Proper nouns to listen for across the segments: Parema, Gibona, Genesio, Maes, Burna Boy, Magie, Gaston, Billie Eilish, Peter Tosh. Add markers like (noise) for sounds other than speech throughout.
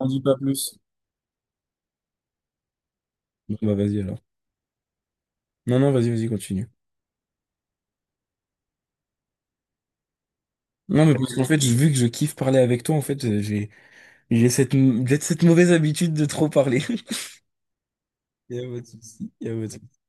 N'en dit pas plus. Bon, bah vas-y alors. Non, non, vas-y, vas-y, continue. Non, mais parce qu'en fait, j'ai vu que je kiffe parler avec toi, en fait, j'ai cette mauvaise habitude de trop parler. (laughs) Y pas de souci, y pas de souci.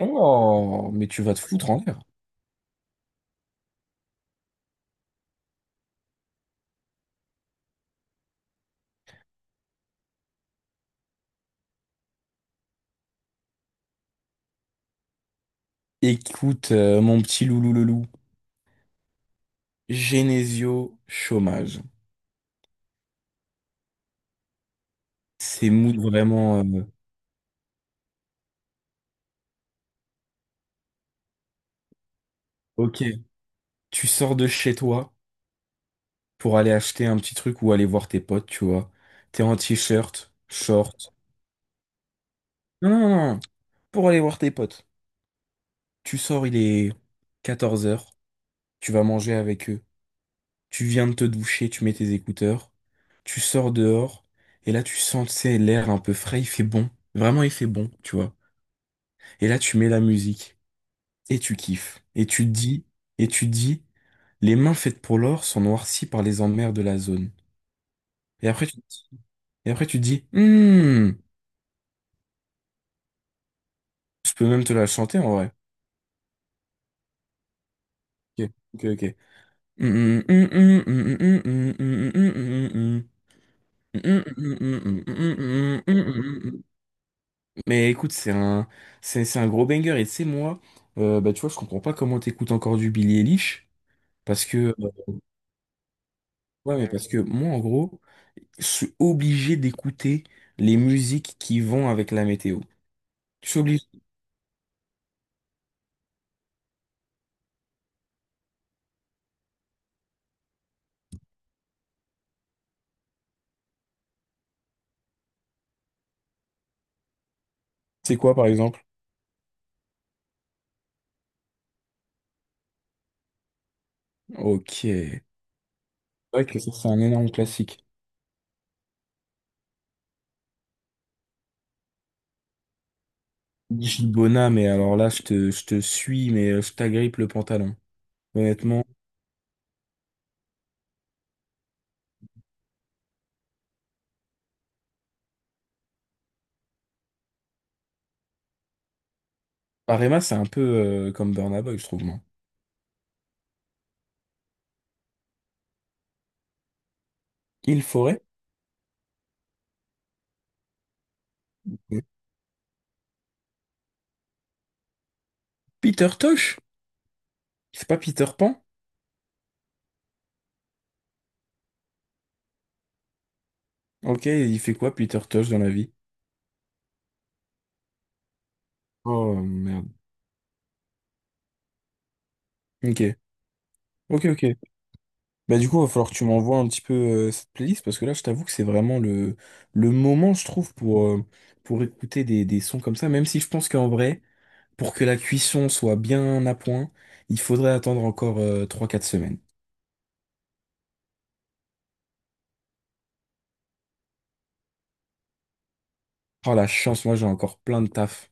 Oh, mais tu vas te foutre en l'air. Écoute, mon petit loulou le loup. Genesio chômage. C'est mood vraiment, ok, tu sors de chez toi pour aller acheter un petit truc ou aller voir tes potes, tu vois. T'es en t-shirt, short. Non, non, non, pour aller voir tes potes. Tu sors, il est 14 heures, tu vas manger avec eux, tu viens de te doucher, tu mets tes écouteurs, tu sors dehors, et là tu sens, tu sais, l'air un peu frais, il fait bon, vraiment il fait bon, tu vois. Et là tu mets la musique, et tu kiffes, et tu te dis, et tu te dis, les mains faites pour l'or sont noircies par les emmers de la zone. Et après tu, et après tu te dis, hmm, je peux même te la chanter en vrai. Ok, ok, ok. Mm, mm, mm, mm, mm, mm, mm, mm, mm. Mais écoute, c'est un gros banger. Et tu sais, moi, bah, tu vois, je comprends pas comment t'écoutes encore du Billie Eilish. Parce que, euh, ouais, mais parce que moi, en gros, je suis obligé d'écouter les musiques qui vont avec la météo. Je suis obligé. C'est quoi, par exemple? Ok. C'est vrai que ça, c'est un énorme classique. Gibona, mais alors là, je te suis, mais je t'agrippe le pantalon. Honnêtement. Parema, c'est un peu comme Burna Boy, je trouve, moi. Il faudrait. Peter Tosh? C'est pas Peter Pan? Ok, il fait quoi Peter Tosh dans la vie? Oh merde. Ok, ok, ok. Bah du coup, va falloir que tu m'envoies un petit peu cette playlist parce que là, je t'avoue que c'est vraiment le moment, je trouve, pour écouter des sons comme ça. Même si je pense qu'en vrai, pour que la cuisson soit bien à point, il faudrait attendre encore 3 4 semaines. Oh la chance, moi j'ai encore plein de taf.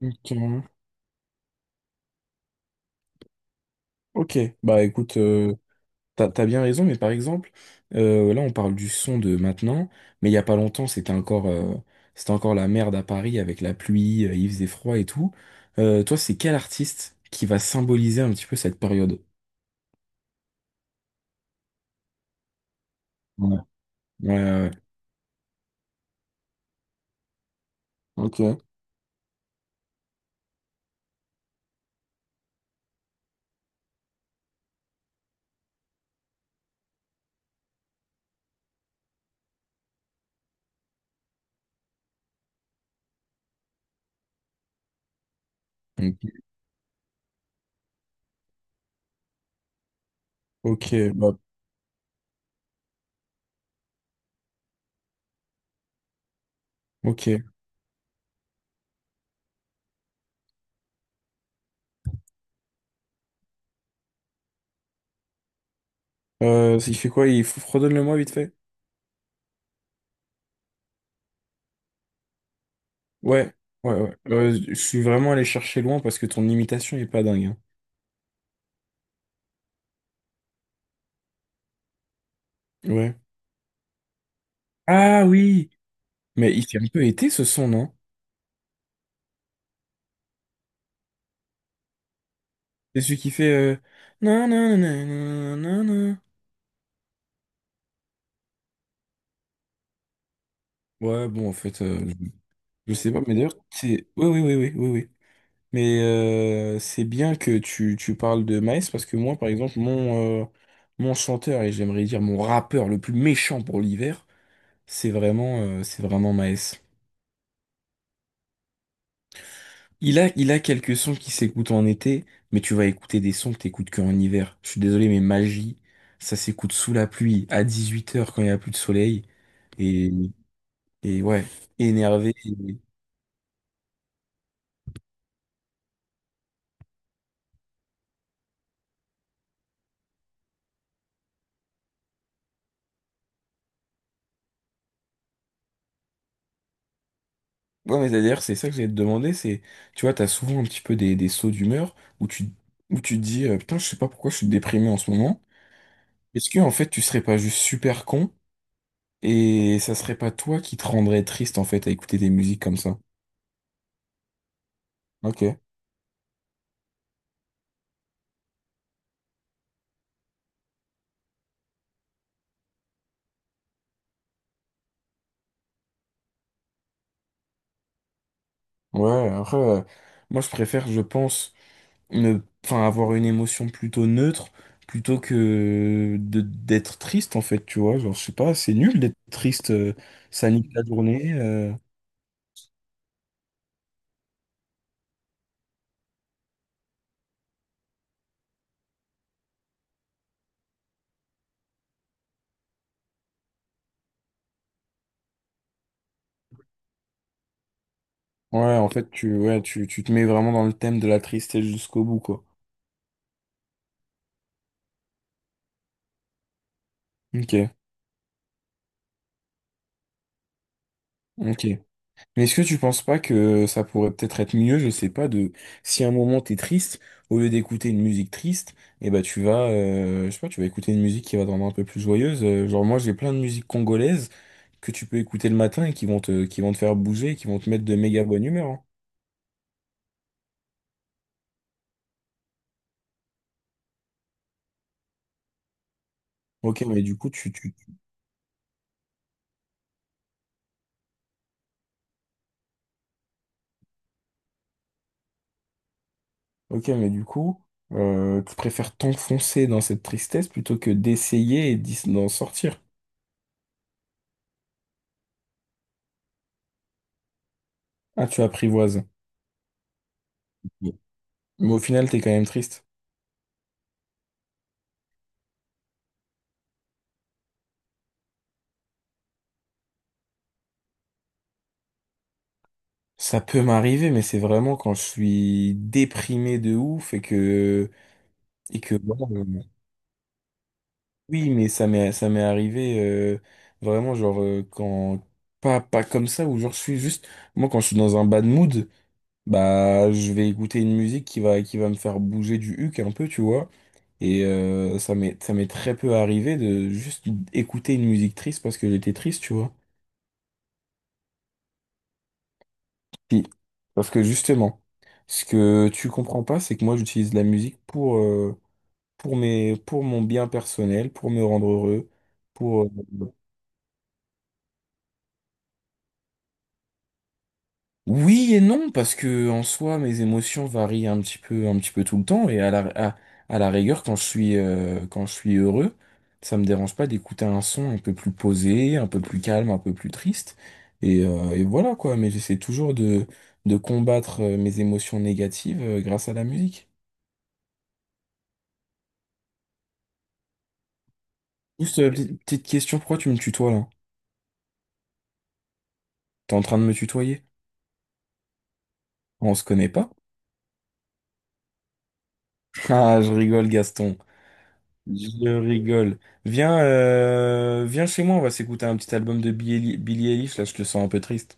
Ok. Ok, bah écoute, t'as bien raison, mais par exemple, là on parle du son de maintenant, mais il y a pas longtemps c'était encore la merde à Paris avec la pluie, il faisait froid et tout. Toi, c'est quel artiste qui va symboliser un petit peu cette période? Ouais. Ouais, ouais, ok. Ouais. Ok, bah, ok. Il fait quoi? Redonne-le-moi vite fait. Ouais, ouais, ouais. Je suis vraiment allé chercher loin parce que ton imitation est pas dingue, hein. Ouais. Ah oui! Mais il fait un peu été ce son, non? C'est celui qui fait nan, nan, nan, nan, nan, nan. Ouais, bon, en fait, je sais pas, mais d'ailleurs, c'est. Oui, oui, oui, oui, oui, oui. Mais c'est bien que tu parles de Maes parce que moi, par exemple, mon chanteur et j'aimerais dire mon rappeur le plus méchant pour l'hiver, c'est vraiment Maes. Il a quelques sons qui s'écoutent en été, mais tu vas écouter des sons que t'écoutes qu'en hiver. Je suis désolé, mais Magie, ça s'écoute sous la pluie, à 18 heures quand il n'y a plus de soleil. et Et ouais, énervé. Ouais, mais d'ailleurs, c'est ça que j'allais te demander, c'est, tu vois, t'as souvent un petit peu des sauts d'humeur où tu, où tu te dis, putain, je sais pas pourquoi je suis déprimé en ce moment. Est-ce que, en fait, tu serais pas juste super con et ça serait pas toi qui te rendrais triste, en fait, à écouter des musiques comme ça? Ok. Ouais, après, moi, je préfère, je pense, ne, enfin, avoir une émotion plutôt neutre plutôt que d'être triste, en fait, tu vois. Genre, je sais pas, c'est nul d'être triste, ça nique la journée. Ouais, en fait, ouais, tu te mets vraiment dans le thème de la tristesse jusqu'au bout, quoi. Ok, ok. Mais est-ce que tu penses pas que ça pourrait peut-être être mieux, je sais pas, de si à un moment t'es triste, au lieu d'écouter une musique triste, et ben tu vas, je sais pas, tu vas écouter une musique qui va te rendre un peu plus joyeuse. Genre moi, j'ai plein de musiques congolaises que tu peux écouter le matin et qui vont qui vont te faire bouger, et qui vont te mettre de méga bonne humeur, hein. Ok, mais du coup, tu, tu, ok, mais du coup, tu préfères t'enfoncer dans cette tristesse plutôt que d'essayer et d'en sortir. Ah, tu apprivoises. Oui. Mais au final, t'es quand même triste. Ça peut m'arriver, mais c'est vraiment quand je suis déprimé de ouf et que, voilà, oui, mais ça m'est arrivé, vraiment, genre, pas comme ça, où genre, je suis juste, moi, quand je suis dans un bad mood, bah, je vais écouter une musique qui va me faire bouger du huc un peu, tu vois. Et, ça m'est très peu arrivé de juste écouter une musique triste parce que j'étais triste, tu vois. Si. Parce que justement, ce que tu comprends pas, c'est que moi j'utilise la musique pour, pour mon bien personnel, pour me rendre heureux. pour... euh, Oui et non, parce que en soi, mes émotions varient un petit peu tout le temps, et à, à la rigueur, quand je suis heureux, ça me dérange pas d'écouter un son un peu plus posé, un peu plus calme, un peu plus triste, et voilà quoi, mais j'essaie toujours de combattre mes émotions négatives, grâce à la musique. Juste, petite petite question, pourquoi tu me tutoies là? T'es en train de me tutoyer? On se connaît pas? (laughs) Ah, je rigole, Gaston. Je rigole. Viens chez moi, on va s'écouter un petit album de Billie Eilish, là, je te sens un peu triste.